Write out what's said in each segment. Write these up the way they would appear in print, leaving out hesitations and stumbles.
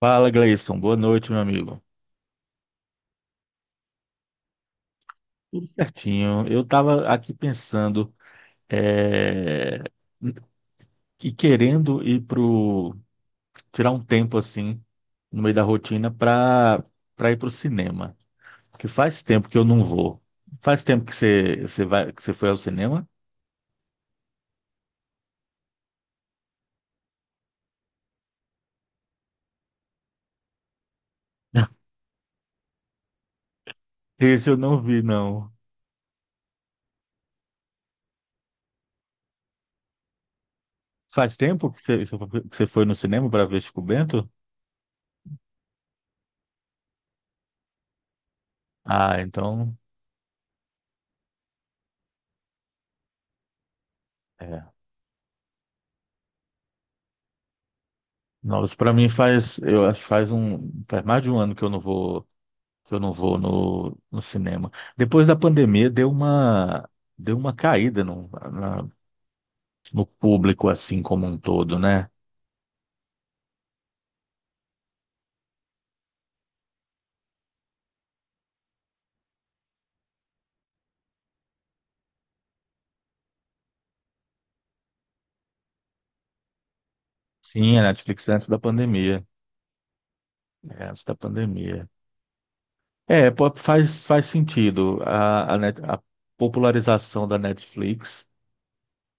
Fala, Gleison. Boa noite, meu amigo. Tudo certinho. Eu estava aqui pensando, é, e querendo ir pro tirar um tempo assim no meio da rotina para ir pro cinema, porque faz tempo que eu não vou. Faz tempo que você vai que você foi ao cinema? Esse eu não vi, não. Faz tempo que você foi no cinema para ver Chico Bento? Ah, então, é. Nossa, para mim faz eu acho que faz um faz mais de um ano que eu não vou que eu não vou no cinema. Depois da pandemia deu uma caída no público assim como um todo, né? Sim, a Netflix antes da pandemia, é, antes da pandemia. É, pô, faz sentido a popularização da Netflix.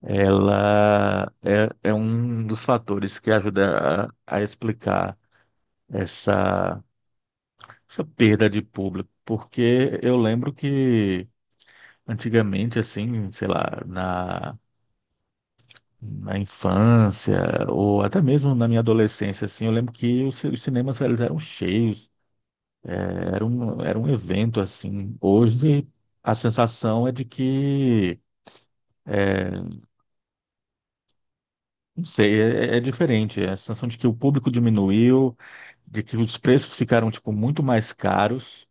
Ela é um dos fatores que ajuda a explicar essa, essa perda de público, porque eu lembro que antigamente, assim, sei lá, na infância ou até mesmo na minha adolescência, assim, eu lembro que os cinemas eles eram cheios, eh, era era um evento, assim. Hoje, a sensação é de é, não sei, é, é diferente. É a sensação de que o público diminuiu, de que os preços ficaram, tipo, muito mais caros,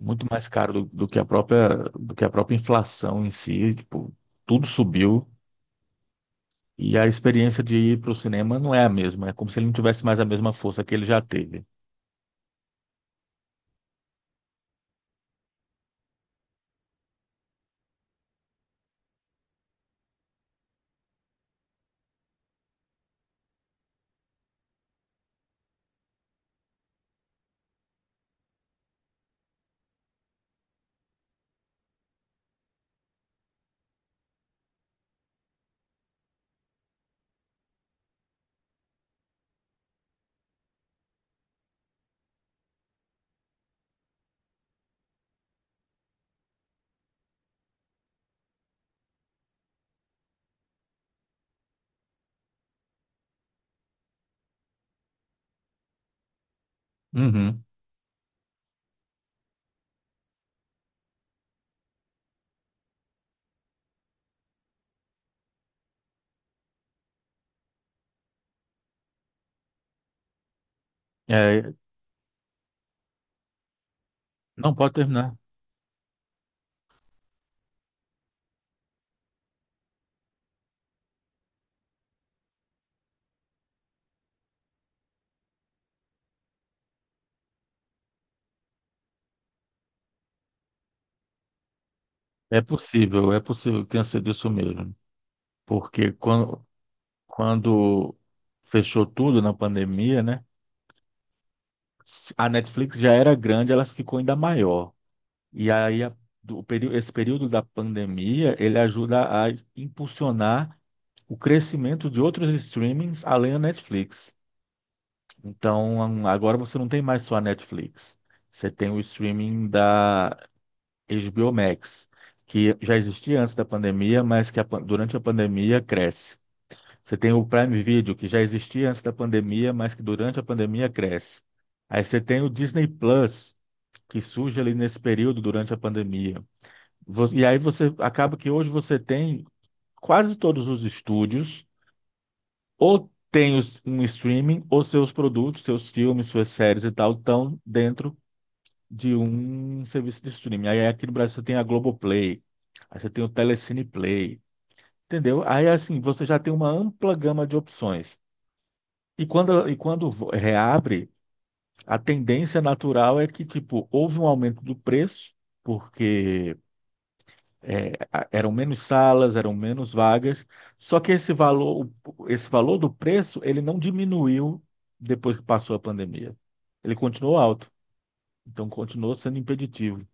muito mais caro do que a própria, do que a própria inflação em si, tipo, tudo subiu. E a experiência de ir para o cinema não é a mesma. É como se ele não tivesse mais a mesma força que ele já teve. Uhum. É, não pode terminar. É possível que tenha sido isso mesmo. Porque quando fechou tudo na pandemia, né? A Netflix já era grande, ela ficou ainda maior. E do período, esse período da pandemia, ele ajuda a impulsionar o crescimento de outros streamings além da Netflix. Então, agora você não tem mais só a Netflix. Você tem o streaming da HBO Max, que já existia antes da pandemia, mas que a durante a pandemia cresce. Você tem o Prime Video, que já existia antes da pandemia, mas que durante a pandemia cresce. Aí você tem o Disney Plus, que surge ali nesse período durante a pandemia. E aí você acaba que hoje você tem quase todos os estúdios ou tem um streaming, ou seus produtos, seus filmes, suas séries e tal, estão dentro de um serviço de streaming. Aí aqui no Brasil você tem a Globoplay, aí você tem o Telecine Play, entendeu? Aí assim, você já tem uma ampla gama de opções. E quando reabre, a tendência natural é que, tipo, houve um aumento do preço, porque eram menos salas, eram menos vagas, só que esse valor, esse valor do preço, ele não diminuiu depois que passou a pandemia. Ele continuou alto, então continuou sendo impeditivo.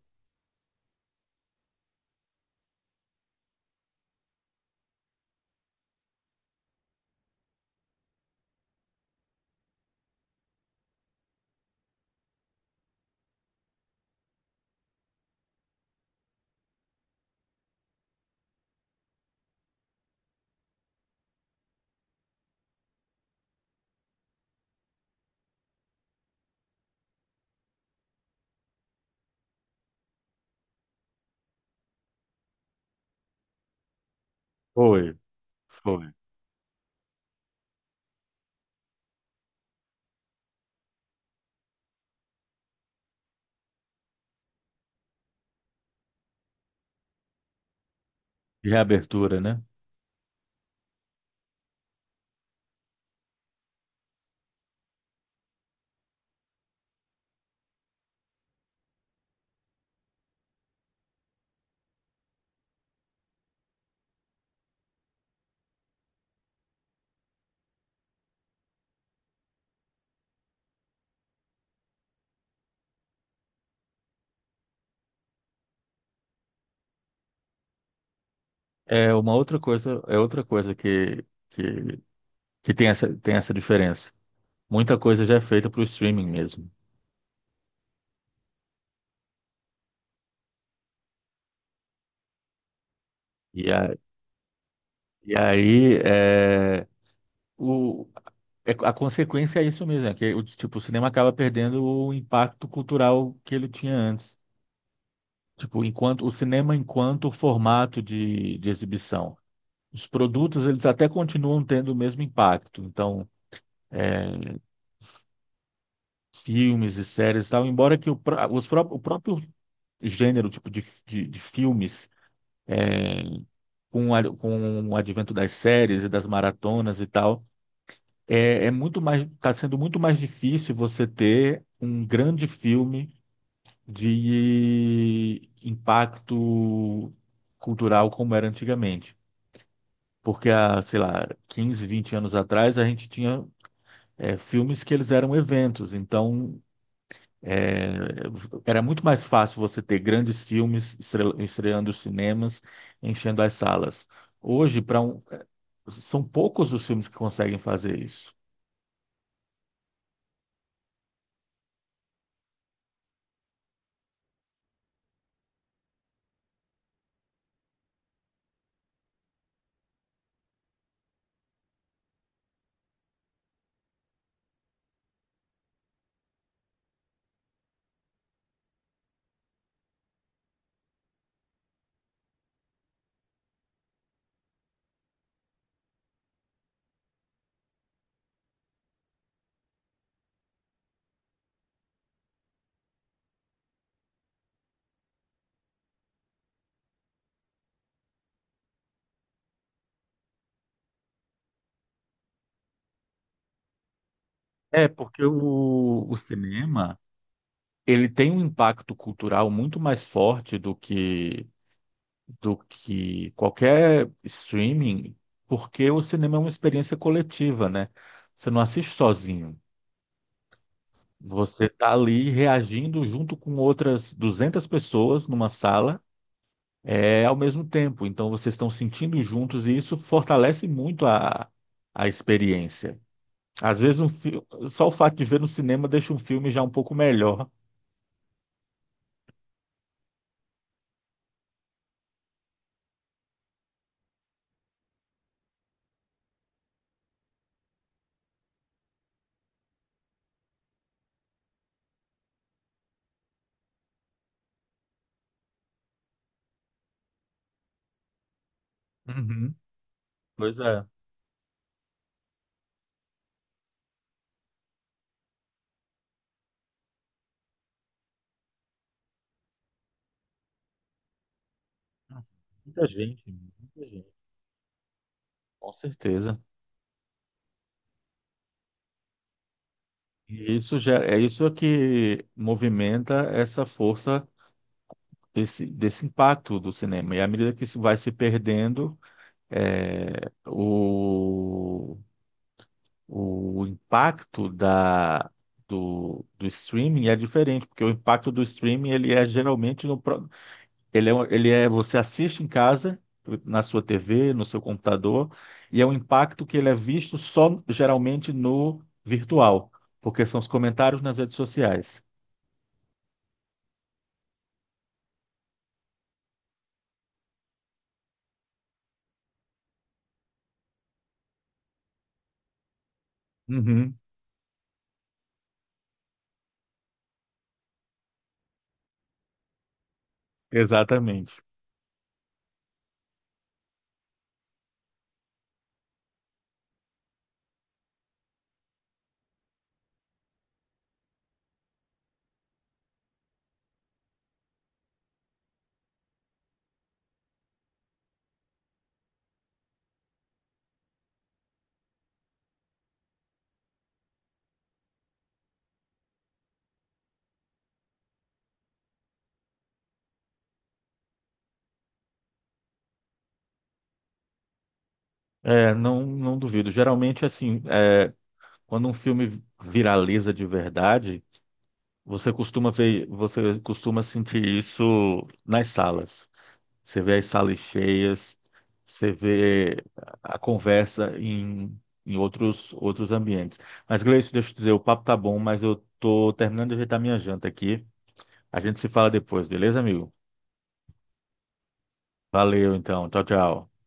Foi, foi. Reabertura, né? É uma outra coisa, é outra coisa que, que tem essa diferença. Muita coisa já é feita para o streaming mesmo. E, a, e aí, é, o, a consequência é isso mesmo, é que tipo, o cinema acaba perdendo o impacto cultural que ele tinha antes. Tipo, enquanto o cinema enquanto formato de exibição. Os produtos, eles até continuam tendo o mesmo impacto. Então, filmes e séries e tal, embora que o próprio gênero, tipo, de filmes, com o advento das séries e das maratonas e tal, é muito mais, está sendo muito mais difícil você ter um grande filme de impacto cultural como era antigamente. Porque há, sei lá, 15, 20 anos atrás, a gente tinha é, filmes que eles eram eventos. Então, é, era muito mais fácil você ter grandes filmes estreando os cinemas, enchendo as salas. Hoje, para é, são poucos os filmes que conseguem fazer isso. É, porque o cinema, ele tem um impacto cultural muito mais forte do que qualquer streaming, porque o cinema é uma experiência coletiva, né? Você não assiste sozinho. Você tá ali reagindo junto com outras 200 pessoas numa sala, é ao mesmo tempo. Então vocês estão sentindo juntos e isso fortalece muito a experiência. Às vezes só o fato de ver no cinema deixa um filme já um pouco melhor. Uhum. Pois é. Nossa, muita gente, muita gente. Com certeza. E isso gera, é isso é que movimenta essa força desse impacto do cinema. E à medida que isso vai se perdendo, é, o impacto da, do streaming é diferente, porque o impacto do streaming ele é geralmente no, pró- ele é você assiste em casa, na sua TV, no seu computador, e é um impacto que ele é visto só geralmente no virtual, porque são os comentários nas redes sociais. Uhum, exatamente. Não duvido. Geralmente, assim, é, quando um filme viraliza de verdade, você costuma ver, você costuma sentir isso nas salas. Você vê as salas cheias, você vê a conversa em outros ambientes. Mas, Gleice, deixa eu te dizer, o papo tá bom, mas eu tô terminando de ajeitar minha janta aqui. A gente se fala depois, beleza, amigo? Valeu, então. Tchau, tchau.